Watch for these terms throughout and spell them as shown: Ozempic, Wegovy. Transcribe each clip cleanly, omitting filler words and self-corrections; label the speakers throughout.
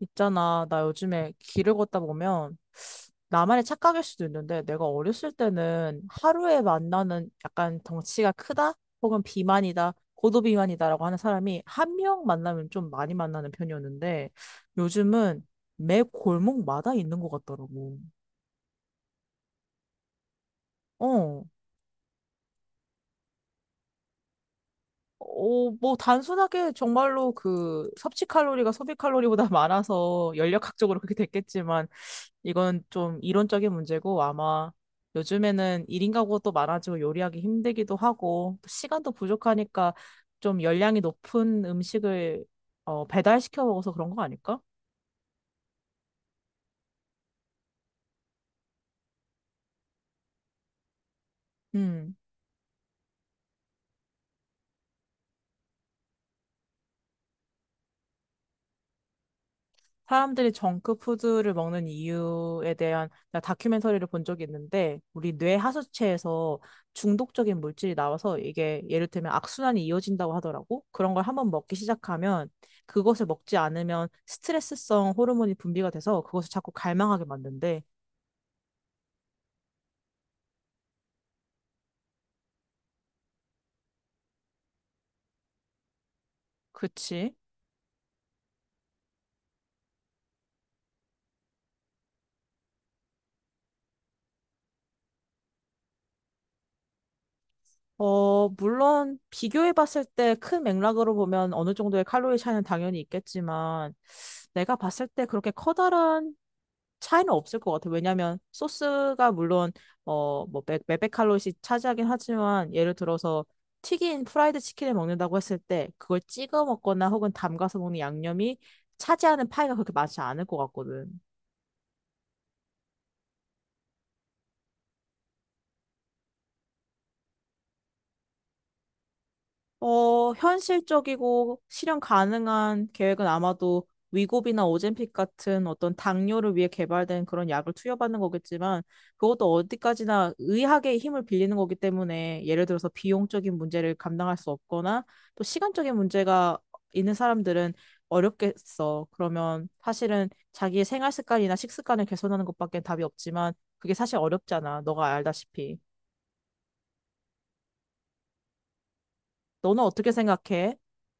Speaker 1: 있잖아, 나 요즘에 길을 걷다 보면 나만의 착각일 수도 있는데 내가 어렸을 때는 하루에 만나는 약간 덩치가 크다 혹은 비만이다 고도비만이다라고 하는 사람이 한 명 만나면 좀 많이 만나는 편이었는데 요즘은 매 골목마다 있는 것 같더라고. 어. 뭐, 단순하게 정말로 그 섭취 칼로리가 소비 칼로리보다 많아서 연력학적으로 그렇게 됐겠지만 이건 좀 이론적인 문제고 아마 요즘에는 1인 가구도 많아지고 요리하기 힘들기도 하고 또 시간도 부족하니까 좀 열량이 높은 음식을 배달시켜 먹어서 그런 거 아닐까? 음. 사람들이 정크푸드를 먹는 이유에 대한 다큐멘터리를 본 적이 있는데, 우리 뇌 하수체에서 중독적인 물질이 나와서 이게 예를 들면 악순환이 이어진다고 하더라고. 그런 걸 한번 먹기 시작하면 그것을 먹지 않으면 스트레스성 호르몬이 분비가 돼서 그것을 자꾸 갈망하게 만든대. 그치? 물론 비교해 봤을 때 큰 맥락으로 보면 어느 정도의 칼로리 차이는 당연히 있겠지만, 내가 봤을 때 그렇게 커다란 차이는 없을 것 같아요. 왜냐하면 소스가 물론 어뭐 몇백칼로리씩 차지하긴 하지만 예를 들어서 튀긴 프라이드 치킨을 먹는다고 했을 때 그걸 찍어 먹거나 혹은 담가서 먹는 양념이 차지하는 파이가 그렇게 많지 않을 것 같거든. 현실적이고 실현 가능한 계획은 아마도 위고비나 오젬픽 같은 어떤 당뇨를 위해 개발된 그런 약을 투여받는 거겠지만 그것도 어디까지나 의학의 힘을 빌리는 거기 때문에 예를 들어서 비용적인 문제를 감당할 수 없거나 또 시간적인 문제가 있는 사람들은 어렵겠어. 그러면 사실은 자기의 생활 습관이나 식습관을 개선하는 것밖에 답이 없지만 그게 사실 어렵잖아. 너가 알다시피. 너는 어떻게 생각해?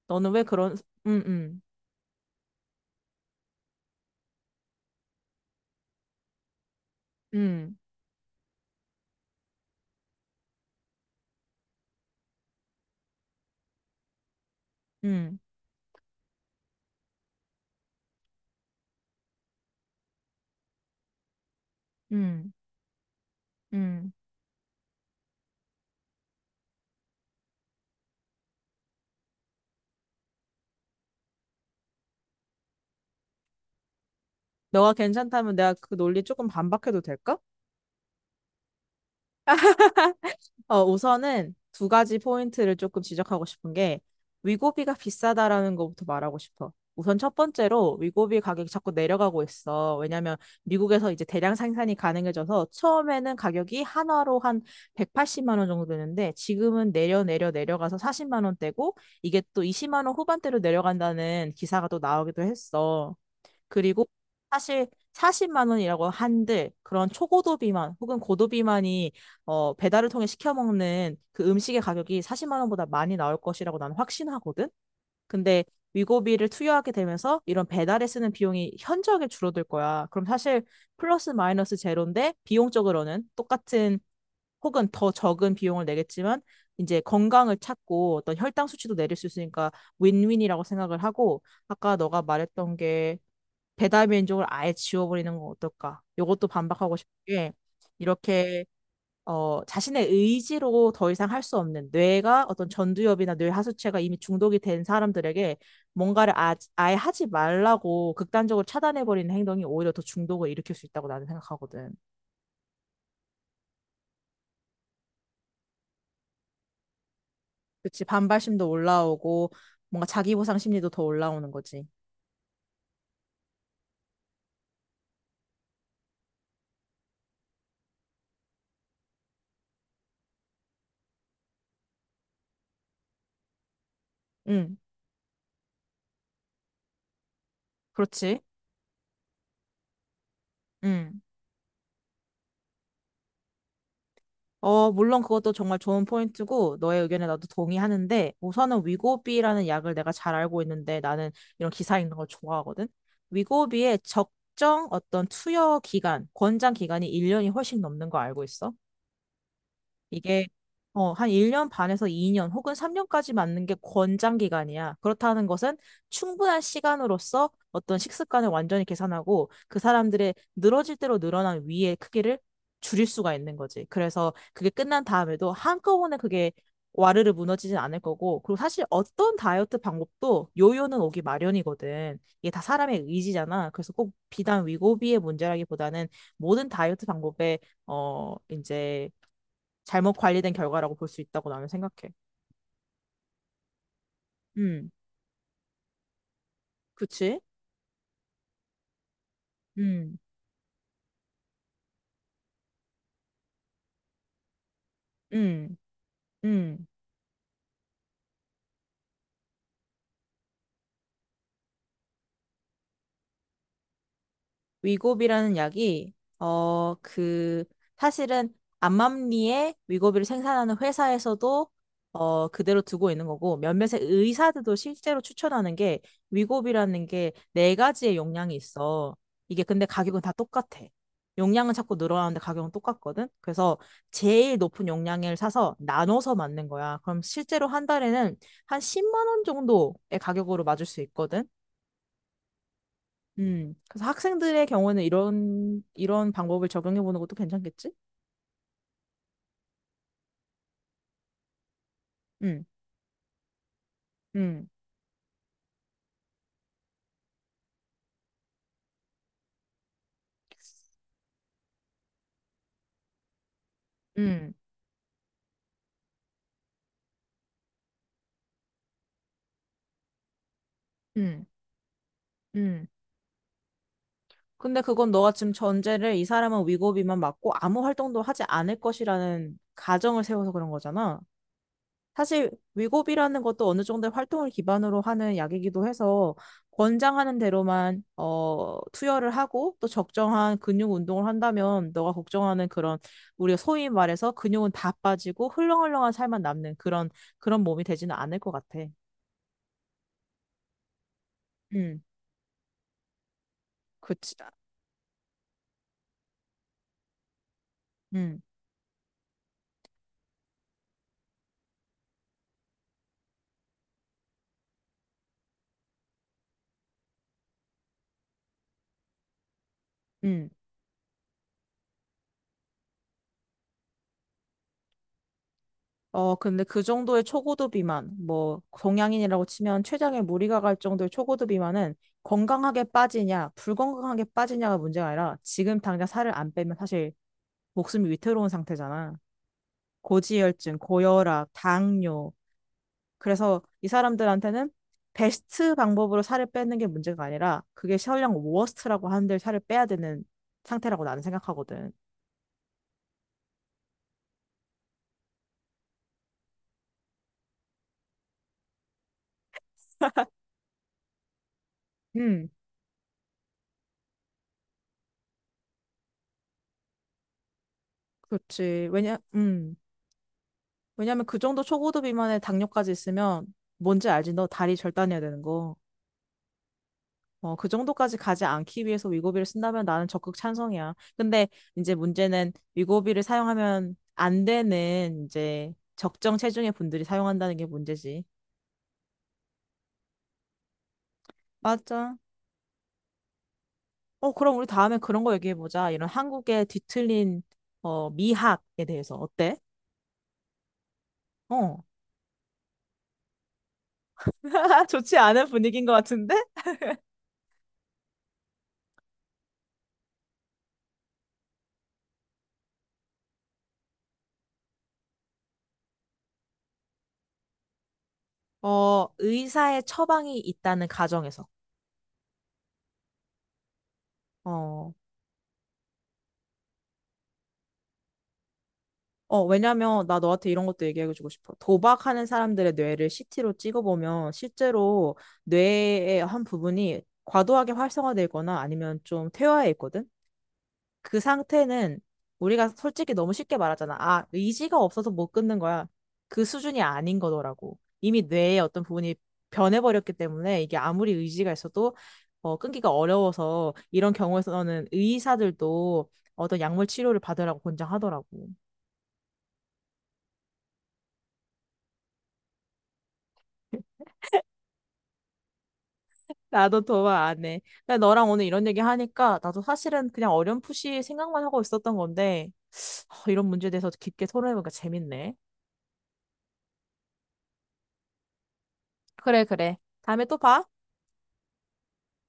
Speaker 1: 너는 왜 그런, 응응 음, 음, 음, 음. 너가 괜찮다면 내가 그 논리 조금 반박해도 될까? 우선은 두 가지 포인트를 조금 지적하고 싶은 게 위고비가 비싸다라는 것부터 말하고 싶어. 우선 첫 번째로 위고비 가격이 자꾸 내려가고 있어. 왜냐면 미국에서 이제 대량 생산이 가능해져서 처음에는 가격이 한화로 한 180만 원 정도 되는데 지금은 내려가서 40만 원대고 이게 또 20만 원 후반대로 내려간다는 기사가 또 나오기도 했어. 그리고 사실 40만 원이라고 한들 그런 초고도 비만 혹은 고도 비만이 배달을 통해 시켜 먹는 그 음식의 가격이 40만 원보다 많이 나올 것이라고 나는 확신하거든. 근데 위고비를 투여하게 되면서 이런 배달에 쓰는 비용이 현저하게 줄어들 거야. 그럼 사실 플러스 마이너스 제로인데 비용적으로는 똑같은 혹은 더 적은 비용을 내겠지만 이제 건강을 찾고 어떤 혈당 수치도 내릴 수 있으니까 윈윈이라고 생각을 하고 아까 너가 말했던 게 배달 민족을 아예 지워버리는 건 어떨까? 이것도 반박하고 싶은 게 이렇게 자신의 의지로 더 이상 할 수 없는 뇌가 어떤 전두엽이나 뇌 하수체가 이미 중독이 된 사람들에게 뭔가를 아예 하지 말라고 극단적으로 차단해버리는 행동이 오히려 더 중독을 일으킬 수 있다고 나는 생각하거든. 그치, 반발심도 올라오고 뭔가 자기 보상 심리도 더 올라오는 거지. 응, 그렇지. 응. 물론 그것도 정말 좋은 포인트고, 너의 의견에 나도 동의하는데, 우선은 위고비라는 약을 내가 잘 알고 있는데, 나는 이런 기사 읽는 걸 좋아하거든? 위고비의 적정 어떤 투여 기간, 권장 기간이 1년이 훨씬 넘는 거 알고 있어? 이게 한 1년 반에서 2년 혹은 3년까지 맞는 게 권장 기간이야. 그렇다는 것은 충분한 시간으로서 어떤 식습관을 완전히 계산하고 그 사람들의 늘어질 대로 늘어난 위의 크기를 줄일 수가 있는 거지. 그래서 그게 끝난 다음에도 한꺼번에 그게 와르르 무너지진 않을 거고, 그리고 사실 어떤 다이어트 방법도 요요는 오기 마련이거든. 이게 다 사람의 의지잖아. 그래서 꼭 비단 위고비의 문제라기보다는 모든 다이어트 방법에 이제 잘못 관리된 결과라고 볼 수 있다고 나는 생각해. 음, 그치? 음, 음, 음. 위고비라는 약이 그 사실은 암암리에 위고비를 생산하는 회사에서도 그대로 두고 있는 거고 몇몇의 의사들도 실제로 추천하는 게 위고비라는 게 네 가지의 용량이 있어. 이게 근데 가격은 다 똑같아. 용량은 자꾸 늘어나는데 가격은 똑같거든. 그래서 제일 높은 용량을 사서 나눠서 맞는 거야. 그럼 실제로 한 달에는 한 10만 원 정도의 가격으로 맞을 수 있거든. 음. 그래서 학생들의 경우에는 이런, 이런 방법을 적용해 보는 것도 괜찮겠지? 음, 음, 음, 음, 음. 근데 그건 너가 지금 전제를 이 사람은 위고비만 맞고 아무 활동도 하지 않을 것이라는 가정을 세워서 그런 거잖아. 사실 위고비라는 것도 어느 정도 의 활동을 기반으로 하는 약이기도 해서 권장하는 대로만 투여를 하고 또 적정한 근육 운동을 한다면 너가 걱정하는 그런 우리가 소위 말해서 근육은 다 빠지고 흘렁흘렁한 살만 남는 그런 그런 몸이 되지는 않을 것 같아. 음, 그치. 아, 음, 음. 근데 그 정도의 초고도 비만, 뭐, 동양인이라고 치면 췌장에 무리가 갈 정도의 초고도 비만은 건강하게 빠지냐, 불건강하게 빠지냐가 문제가 아니라 지금 당장 살을 안 빼면 사실 목숨이 위태로운 상태잖아. 고지혈증, 고혈압, 당뇨. 그래서 이 사람들한테는 베스트 방법으로 살을 빼는 게 문제가 아니라 그게 설령 워스트라고 하는데 살을 빼야 되는 상태라고 나는 생각하거든. 음, 그렇지. 왜냐면 그 정도 초고도 비만에 당뇨까지 있으면 뭔지 알지? 너 다리 절단해야 되는 거. 그 정도까지 가지 않기 위해서 위고비를 쓴다면 나는 적극 찬성이야. 근데 이제 문제는 위고비를 사용하면 안 되는 이제 적정 체중의 분들이 사용한다는 게 문제지. 맞아. 그럼 우리 다음에 그런 거 얘기해보자. 이런 한국의 뒤틀린 미학에 대해서 어때? 어. 좋지 않은 분위기인 것 같은데? 의사의 처방이 있다는 가정에서. 어. 왜냐면 나 너한테 이런 것도 얘기해주고 싶어. 도박하는 사람들의 뇌를 CT로 찍어보면 실제로 뇌의 한 부분이 과도하게 활성화되거나 아니면 좀 퇴화해 있거든? 그 상태는 우리가 솔직히 너무 쉽게 말하잖아. 아, 의지가 없어서 못 끊는 거야. 그 수준이 아닌 거더라고. 이미 뇌의 어떤 부분이 변해버렸기 때문에 이게 아무리 의지가 있어도 끊기가 어려워서 이런 경우에서는 의사들도 어떤 약물 치료를 받으라고 권장하더라고. 나도 도와 안 해. 근데 너랑 오늘 이런 얘기 하니까 나도 사실은 그냥 어렴풋이 생각만 하고 있었던 건데, 하, 이런 문제에 대해서 깊게 토론해보니까 재밌네. 그래, 그래. 다음에 또 봐.